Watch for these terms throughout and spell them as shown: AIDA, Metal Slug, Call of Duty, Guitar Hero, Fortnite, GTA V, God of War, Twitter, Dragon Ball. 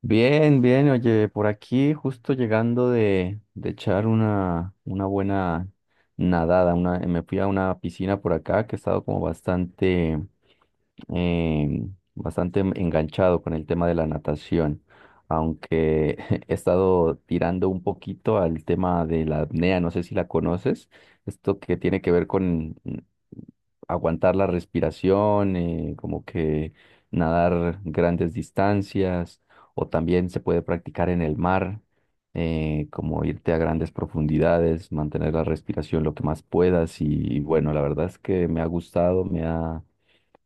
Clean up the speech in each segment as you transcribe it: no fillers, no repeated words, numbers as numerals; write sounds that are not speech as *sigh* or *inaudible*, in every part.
Bien, bien, oye, por aquí justo llegando de echar una buena nadada, me fui a una piscina por acá que he estado como eh, bastante enganchado con el tema de la natación, aunque *laughs* he estado tirando un poquito al tema de la apnea, no sé si la conoces, esto que tiene que ver con aguantar la respiración, como que nadar grandes distancias o también se puede practicar en el mar, como irte a grandes profundidades, mantener la respiración lo que más puedas y bueno, la verdad es que me ha gustado, me ha,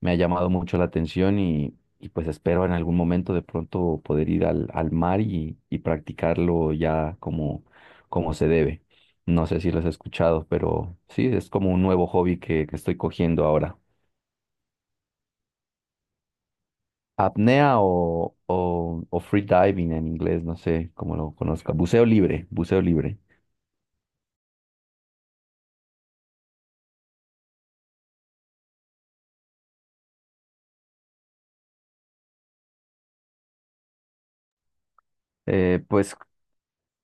me ha llamado mucho la atención pues espero en algún momento de pronto poder ir al mar y practicarlo ya como se debe. No sé si lo has escuchado, pero sí, es como un nuevo hobby que estoy cogiendo ahora. Apnea o free diving en inglés, no sé cómo lo conozca. Buceo libre, buceo libre. Pues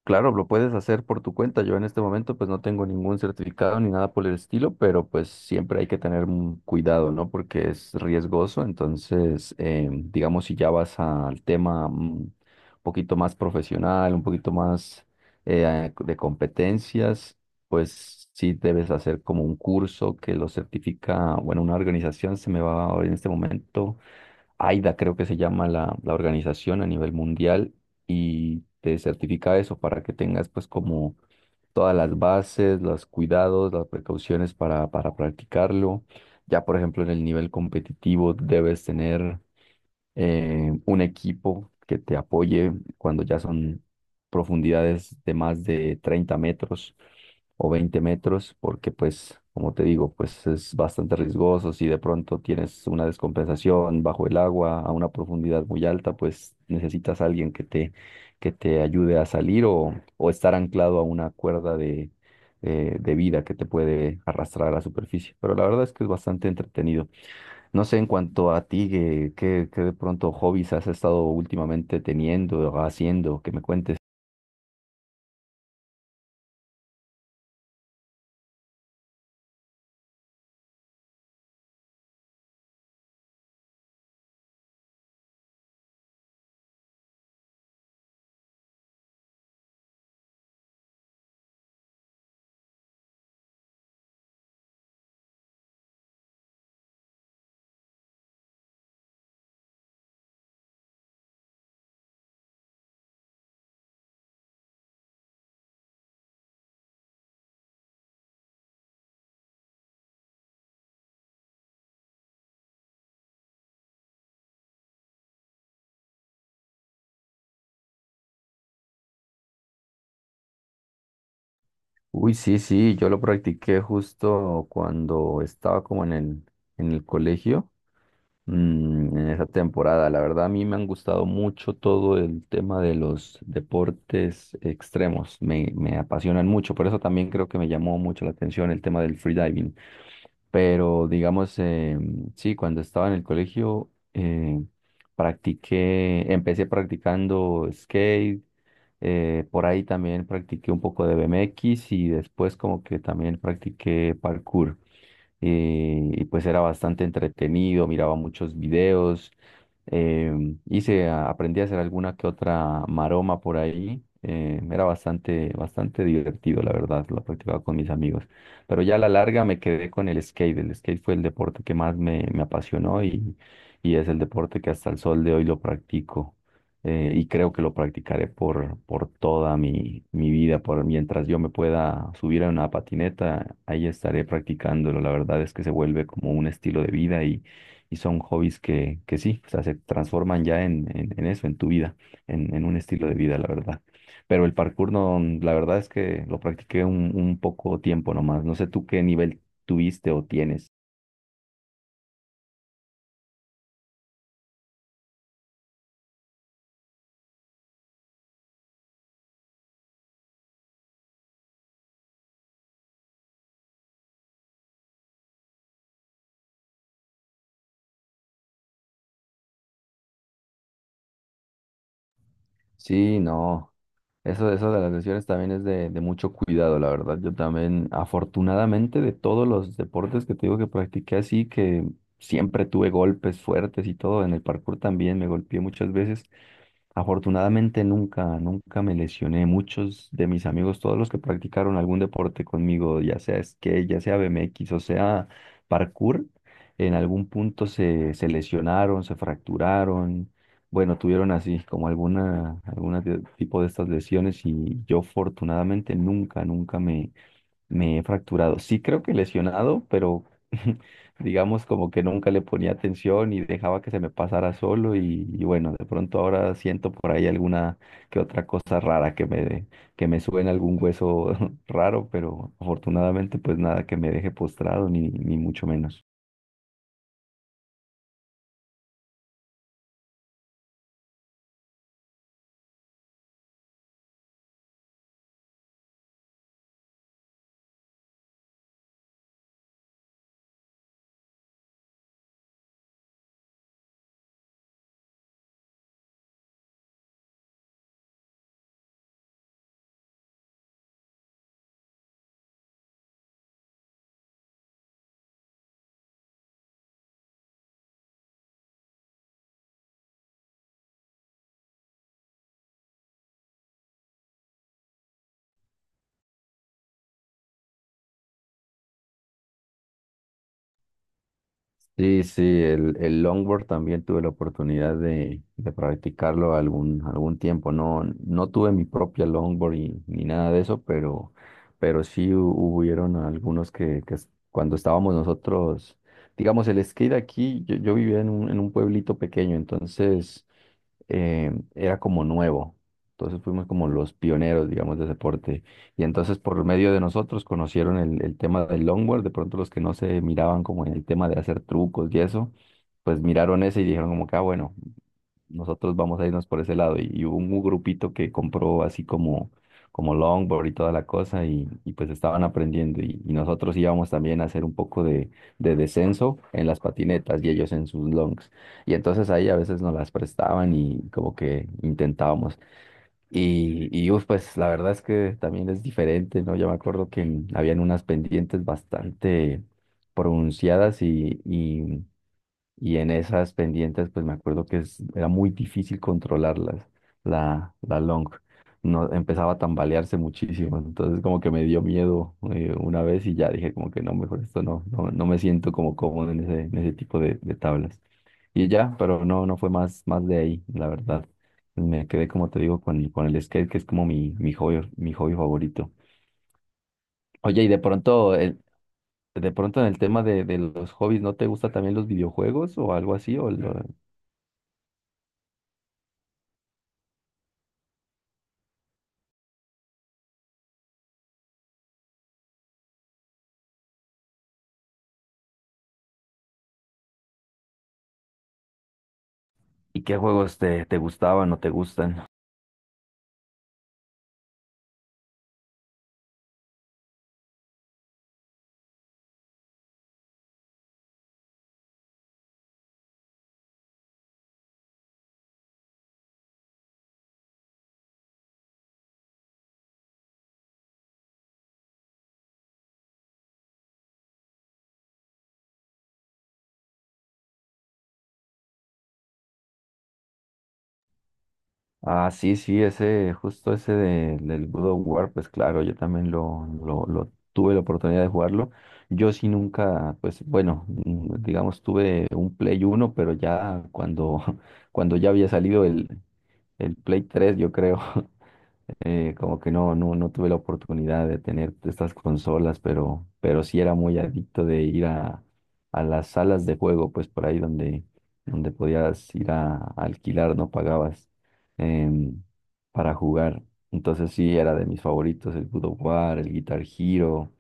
claro, lo puedes hacer por tu cuenta. Yo en este momento pues no tengo ningún certificado ni nada por el estilo, pero pues siempre hay que tener un cuidado, ¿no? Porque es riesgoso. Entonces, digamos, si ya vas al tema un poquito más profesional, un poquito más de competencias, pues sí debes hacer como un curso que lo certifica, bueno, una organización se me va ahora en este momento. AIDA creo que se llama la organización a nivel mundial y te certifica eso para que tengas pues como todas las bases, los cuidados, las precauciones para practicarlo. Ya por ejemplo en el nivel competitivo debes tener un equipo que te apoye cuando ya son profundidades de más de 30 metros o 20 metros, porque pues, como te digo, pues es bastante riesgoso. Si de pronto tienes una descompensación bajo el agua a una profundidad muy alta, pues necesitas a alguien que te ayude a salir o estar anclado a una cuerda de vida que te puede arrastrar a la superficie, pero la verdad es que es bastante entretenido. No sé, en cuanto a ti, ¿qué de pronto hobbies has estado últimamente teniendo o haciendo? Que me cuentes. Uy, sí, sí, yo lo practiqué justo cuando estaba como en el colegio. En esa temporada. La verdad, a mí me han gustado mucho todo el tema de los deportes extremos. Me apasionan mucho. Por eso también creo que me llamó mucho la atención el tema del freediving. Pero digamos, sí, cuando estaba en el colegio, empecé practicando skate. Por ahí también practiqué un poco de BMX y después como que también practiqué parkour y pues era bastante entretenido, miraba muchos videos, eh, aprendí a hacer alguna que otra maroma por ahí, era bastante, bastante divertido, la verdad, lo practicaba con mis amigos, pero ya a la larga me quedé con el skate fue el deporte que más me apasionó y es el deporte que hasta el sol de hoy lo practico y creo que lo practicaré por toda mi vida, por mientras yo me pueda subir a una patineta, ahí estaré practicándolo. La verdad es que se vuelve como un estilo de vida y son hobbies que sí, o sea, se transforman ya en eso, en tu vida, en un estilo de vida, la verdad. Pero el parkour no, la verdad es que lo practiqué un poco tiempo nomás. No sé tú qué nivel tuviste o tienes. Sí, no. Eso de las lesiones también es de mucho cuidado, la verdad. Yo también, afortunadamente, de todos los deportes que te digo que practiqué así, que siempre tuve golpes fuertes y todo, en el parkour también me golpeé muchas veces. Afortunadamente nunca, nunca me lesioné. Muchos de mis amigos, todos los que practicaron algún deporte conmigo, ya sea skate, ya sea BMX o sea parkour, en algún punto se lesionaron, se fracturaron. Bueno, tuvieron así como alguna tipo de estas lesiones y yo afortunadamente nunca, nunca me he fracturado. Sí creo que lesionado, pero *laughs* digamos como que nunca le ponía atención y dejaba que se me pasara solo y bueno, de pronto ahora siento por ahí alguna que otra cosa rara que me suena algún hueso *laughs* raro, pero afortunadamente pues nada que me deje postrado ni mucho menos. Sí, sí, el longboard también tuve la oportunidad de practicarlo algún tiempo. No, no tuve mi propia longboard ni nada de eso, pero sí hubieron algunos que cuando estábamos nosotros, digamos, el skate aquí, yo vivía en un pueblito pequeño, entonces era como nuevo. Entonces fuimos como los pioneros, digamos, del deporte. Y entonces por medio de nosotros conocieron el tema del longboard. De pronto los que no se miraban como en el tema de hacer trucos y eso, pues miraron ese y dijeron como que, ah, bueno, nosotros vamos a irnos por ese lado. Y hubo un grupito que compró así como longboard y toda la cosa y pues estaban aprendiendo. Y nosotros íbamos también a hacer un poco de descenso en las patinetas y ellos en sus longs. Y entonces ahí a veces nos las prestaban y como que intentábamos. Y uf, pues la verdad es que también es diferente, ¿no? Yo me acuerdo que habían unas pendientes bastante pronunciadas y en esas pendientes, pues me acuerdo que era muy difícil controlarlas, la long. No, empezaba a tambalearse muchísimo, entonces como que me dio miedo una vez y ya dije como que no, mejor esto no, no, no me siento como cómodo en en ese tipo de tablas. Y ya, pero no, no fue más, más de ahí, la verdad. Me quedé, como te digo, con el skate, que es como mi hobby, mi hobby favorito. Oye, y de pronto, de pronto en el tema de los hobbies, ¿no te gusta también los videojuegos o algo así? ¿Y qué juegos te gustaban o te gustan? Ah, sí, sí, ese, justo ese del God of War, pues claro, yo también lo tuve la oportunidad de jugarlo. Yo sí nunca, pues bueno, digamos, tuve un Play 1 pero ya cuando, *laughs* cuando ya había salido el Play 3 yo creo. *laughs* Como que no, no, no tuve la oportunidad de tener estas consolas, pero sí era muy adicto de ir a las salas de juego, pues por ahí donde podías ir a alquilar, no pagabas em, para jugar. Entonces sí, era de mis favoritos, el God of War, el Guitar Hero,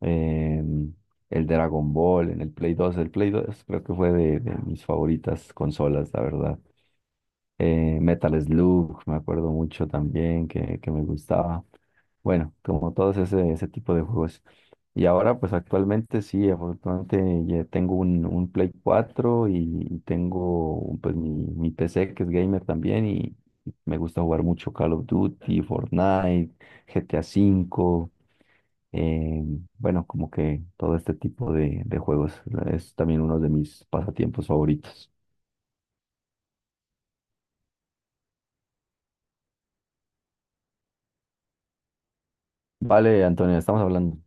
em, el Dragon Ball en el Play 2. El Play 2 creo que fue de mis favoritas consolas, la verdad. Metal Slug, me acuerdo mucho también que me gustaba. Bueno, como todos ese, ese tipo de juegos. Y ahora, pues actualmente sí, afortunadamente ya tengo un Play 4 y tengo pues mi PC que es gamer también y me gusta jugar mucho Call of Duty, Fortnite, GTA V, eh, bueno, como que todo este tipo de juegos es también uno de mis pasatiempos favoritos. Vale, Antonio, estamos hablando.